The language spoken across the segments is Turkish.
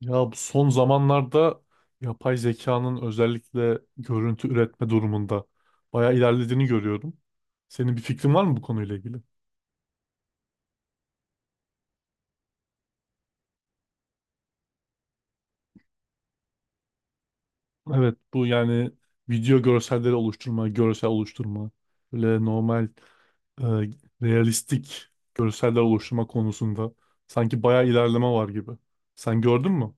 Ya bu son zamanlarda yapay zekanın özellikle görüntü üretme durumunda bayağı ilerlediğini görüyorum. Senin bir fikrin var mı bu konuyla ilgili? Evet, bu yani video görselleri oluşturma, görsel oluşturma, böyle normal e, realistik görseller oluşturma konusunda sanki bayağı ilerleme var gibi. Sen gördün mü?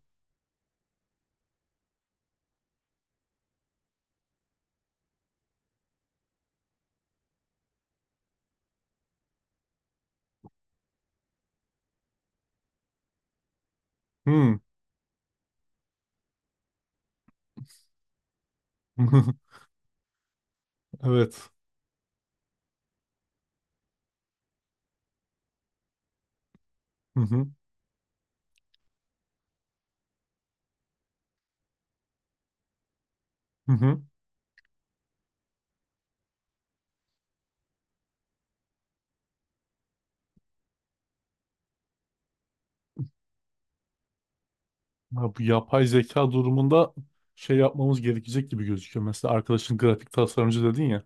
Hmm. Evet. Hı hı. Hı hı. Ya bu yapay zeka durumunda şey yapmamız gerekecek gibi gözüküyor. Mesela arkadaşın grafik tasarımcı dedin ya.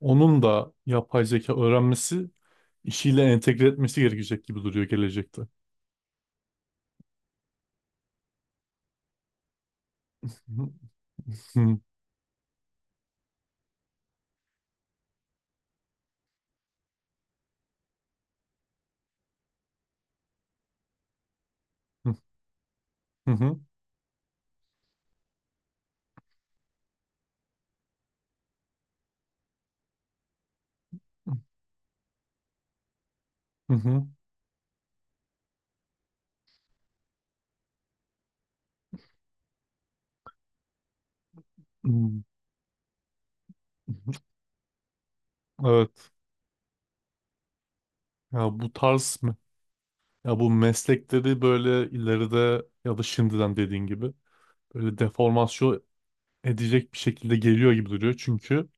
Onun da yapay zeka öğrenmesi işiyle entegre etmesi gerekecek gibi duruyor gelecekte. Hı hı, hı hı, hı hı. Evet. Ya bu tarz mı? Ya bu meslekleri böyle ileride ya da şimdiden dediğin gibi böyle deformasyon edecek bir şekilde geliyor gibi duruyor. Çünkü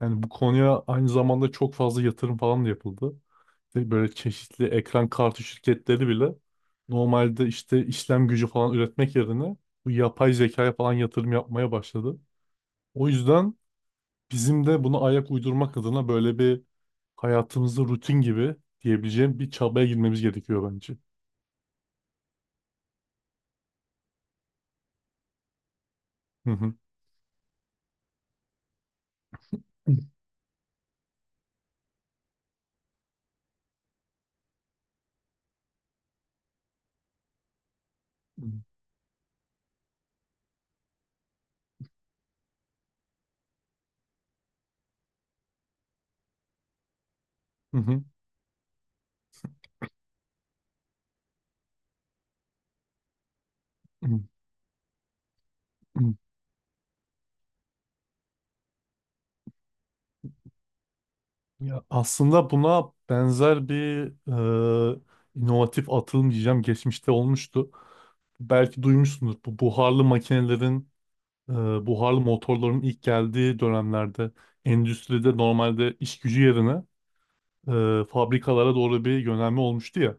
yani bu konuya aynı zamanda çok fazla yatırım falan da yapıldı. İşte böyle çeşitli ekran kartı şirketleri bile normalde işte işlem gücü falan üretmek yerine bu yapay zekaya falan yatırım yapmaya başladı. O yüzden bizim de buna ayak uydurmak adına böyle bir hayatımızda rutin gibi diyebileceğim bir çabaya girmemiz gerekiyor bence. Hı hı. Hı hı. Hı hı. Ya aslında buna benzer bir e, inovatif atılım diyeceğim geçmişte olmuştu. Belki duymuşsundur, bu buharlı makinelerin e, buharlı motorların ilk geldiği dönemlerde endüstride normalde iş gücü yerine fabrikalara doğru bir yönelme olmuştu ya.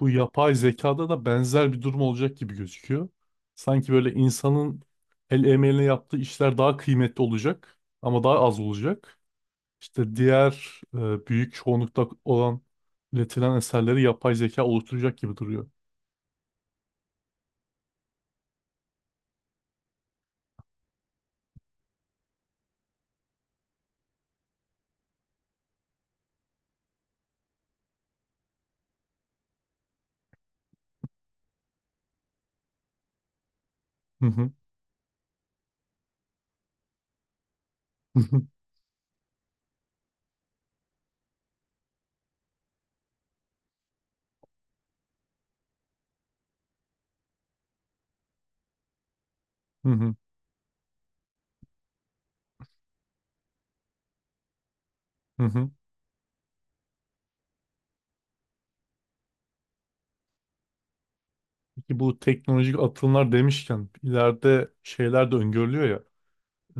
Bu yapay zekada da benzer bir durum olacak gibi gözüküyor. Sanki böyle insanın el emeğiyle yaptığı işler daha kıymetli olacak ama daha az olacak. İşte diğer büyük çoğunlukta olan üretilen eserleri yapay zeka oluşturacak gibi duruyor. Hı hı. Hı hı. Hı hı. Hı hı. Ki bu teknolojik atılımlar demişken ileride şeyler de öngörülüyor ya,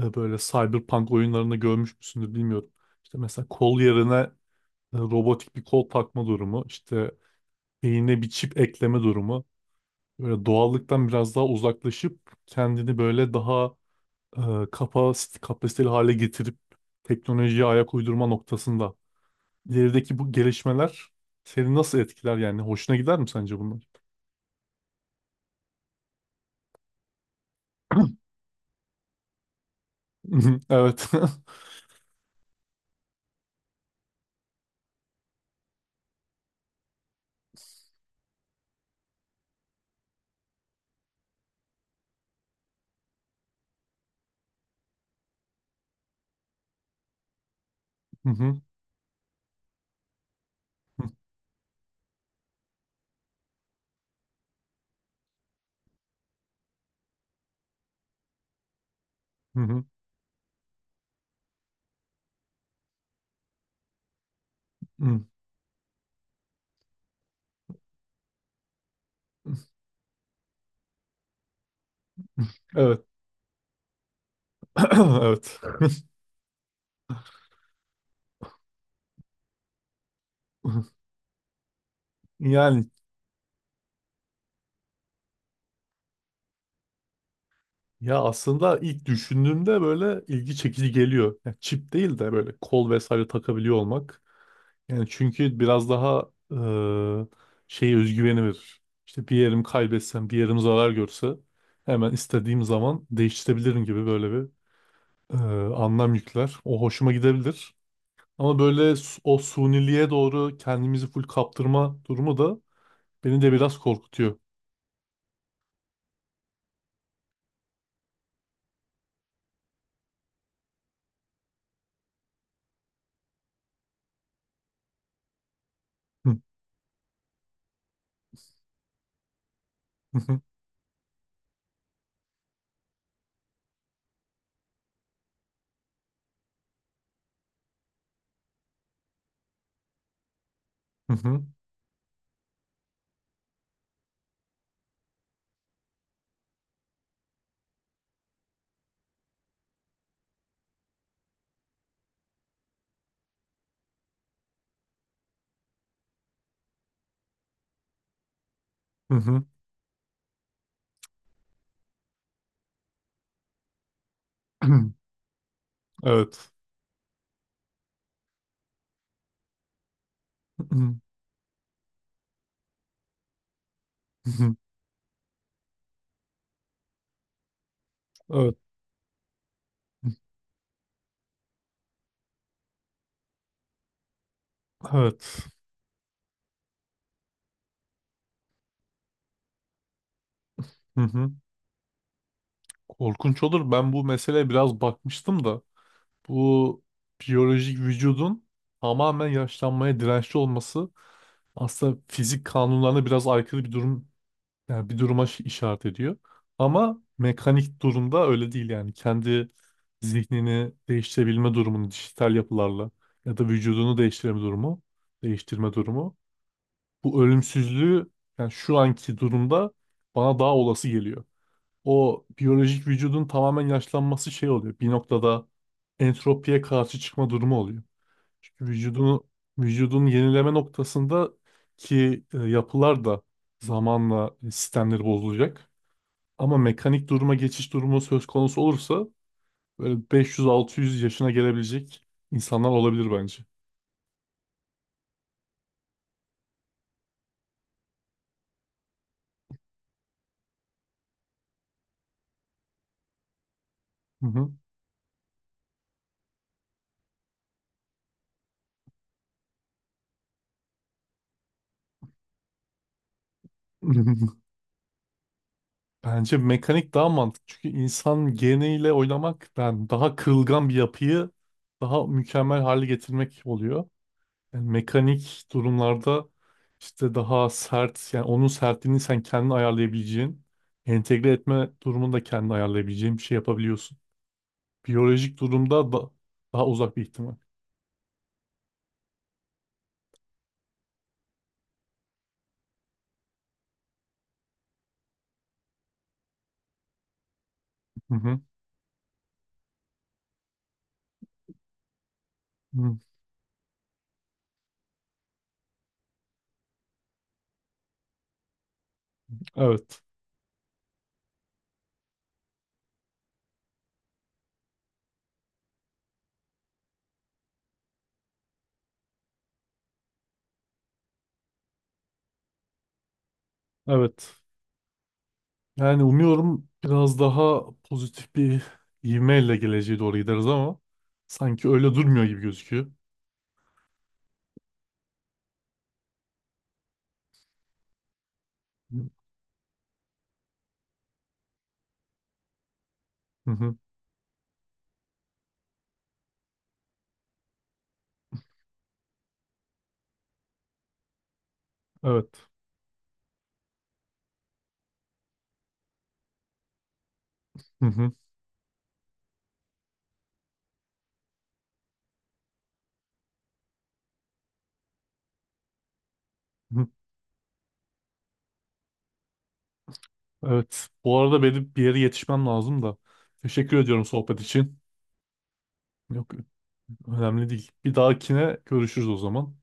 böyle cyberpunk oyunlarında görmüş müsündür bilmiyorum. İşte mesela kol yerine robotik bir kol takma durumu, işte beynine bir çip ekleme durumu. Böyle doğallıktan biraz daha uzaklaşıp kendini böyle daha kapasiteli hale getirip teknolojiye ayak uydurma noktasında. İlerideki bu gelişmeler seni nasıl etkiler yani? Hoşuna gider mi sence bunlar? Evet. Hı hı. Hı hı. Hı. Evet. Evet. Yani ya aslında ilk düşündüğümde böyle ilgi çekici geliyor. Yani çip değil de böyle kol vesaire takabiliyor olmak. Yani çünkü biraz daha şey özgüveni verir. İşte bir yerim kaybetsem, bir yerim zarar görse hemen istediğim zaman değiştirebilirim gibi böyle bir eee, anlam yükler. O hoşuma gidebilir. Ama böyle o suniliğe doğru kendimizi full kaptırma durumu da beni de biraz korkutuyor. Hı hı, hı hı, hı hı. Evet. Hı hı, hı hı. Evet. Evet. Hı hı. Korkunç olur. Ben bu meseleye biraz bakmıştım da, bu biyolojik vücudun tamamen yaşlanmaya dirençli olması aslında fizik kanunlarına biraz aykırı bir durum, yani bir duruma işaret ediyor. Ama mekanik durumda öyle değil yani. Kendi zihnini değiştirebilme durumunu dijital yapılarla ya da vücudunu değiştirme durumu, bu ölümsüzlüğü yani şu anki durumda bana daha olası geliyor. O biyolojik vücudun tamamen yaşlanması şey oluyor. Bir noktada entropiye karşı çıkma durumu oluyor. Çünkü vücudun yenileme noktasında ki yapılar da zamanla sistemleri bozulacak. Ama mekanik duruma geçiş durumu söz konusu olursa böyle 500-600 yaşına gelebilecek insanlar olabilir bence. Hı hı. Bence mekanik daha mantıklı. Çünkü insan geniyle oynamak yani daha kırılgan bir yapıyı daha mükemmel hale getirmek oluyor. Yani mekanik durumlarda işte daha sert, yani onun sertliğini sen kendin ayarlayabileceğin, entegre etme durumunu da kendin ayarlayabileceğin bir şey yapabiliyorsun. Biyolojik durumda da daha uzak bir ihtimal. Hı hı. Hı. Evet. Evet. Yani umuyorum biraz daha pozitif bir ivmeyle geleceğe doğru gideriz ama sanki öyle durmuyor gibi gözüküyor. Hı hı. Evet. Hı hı. Hı. Evet. Bu arada benim bir yere yetişmem lazım da. Teşekkür ediyorum sohbet için. Yok, önemli değil. Bir dahakine görüşürüz o zaman.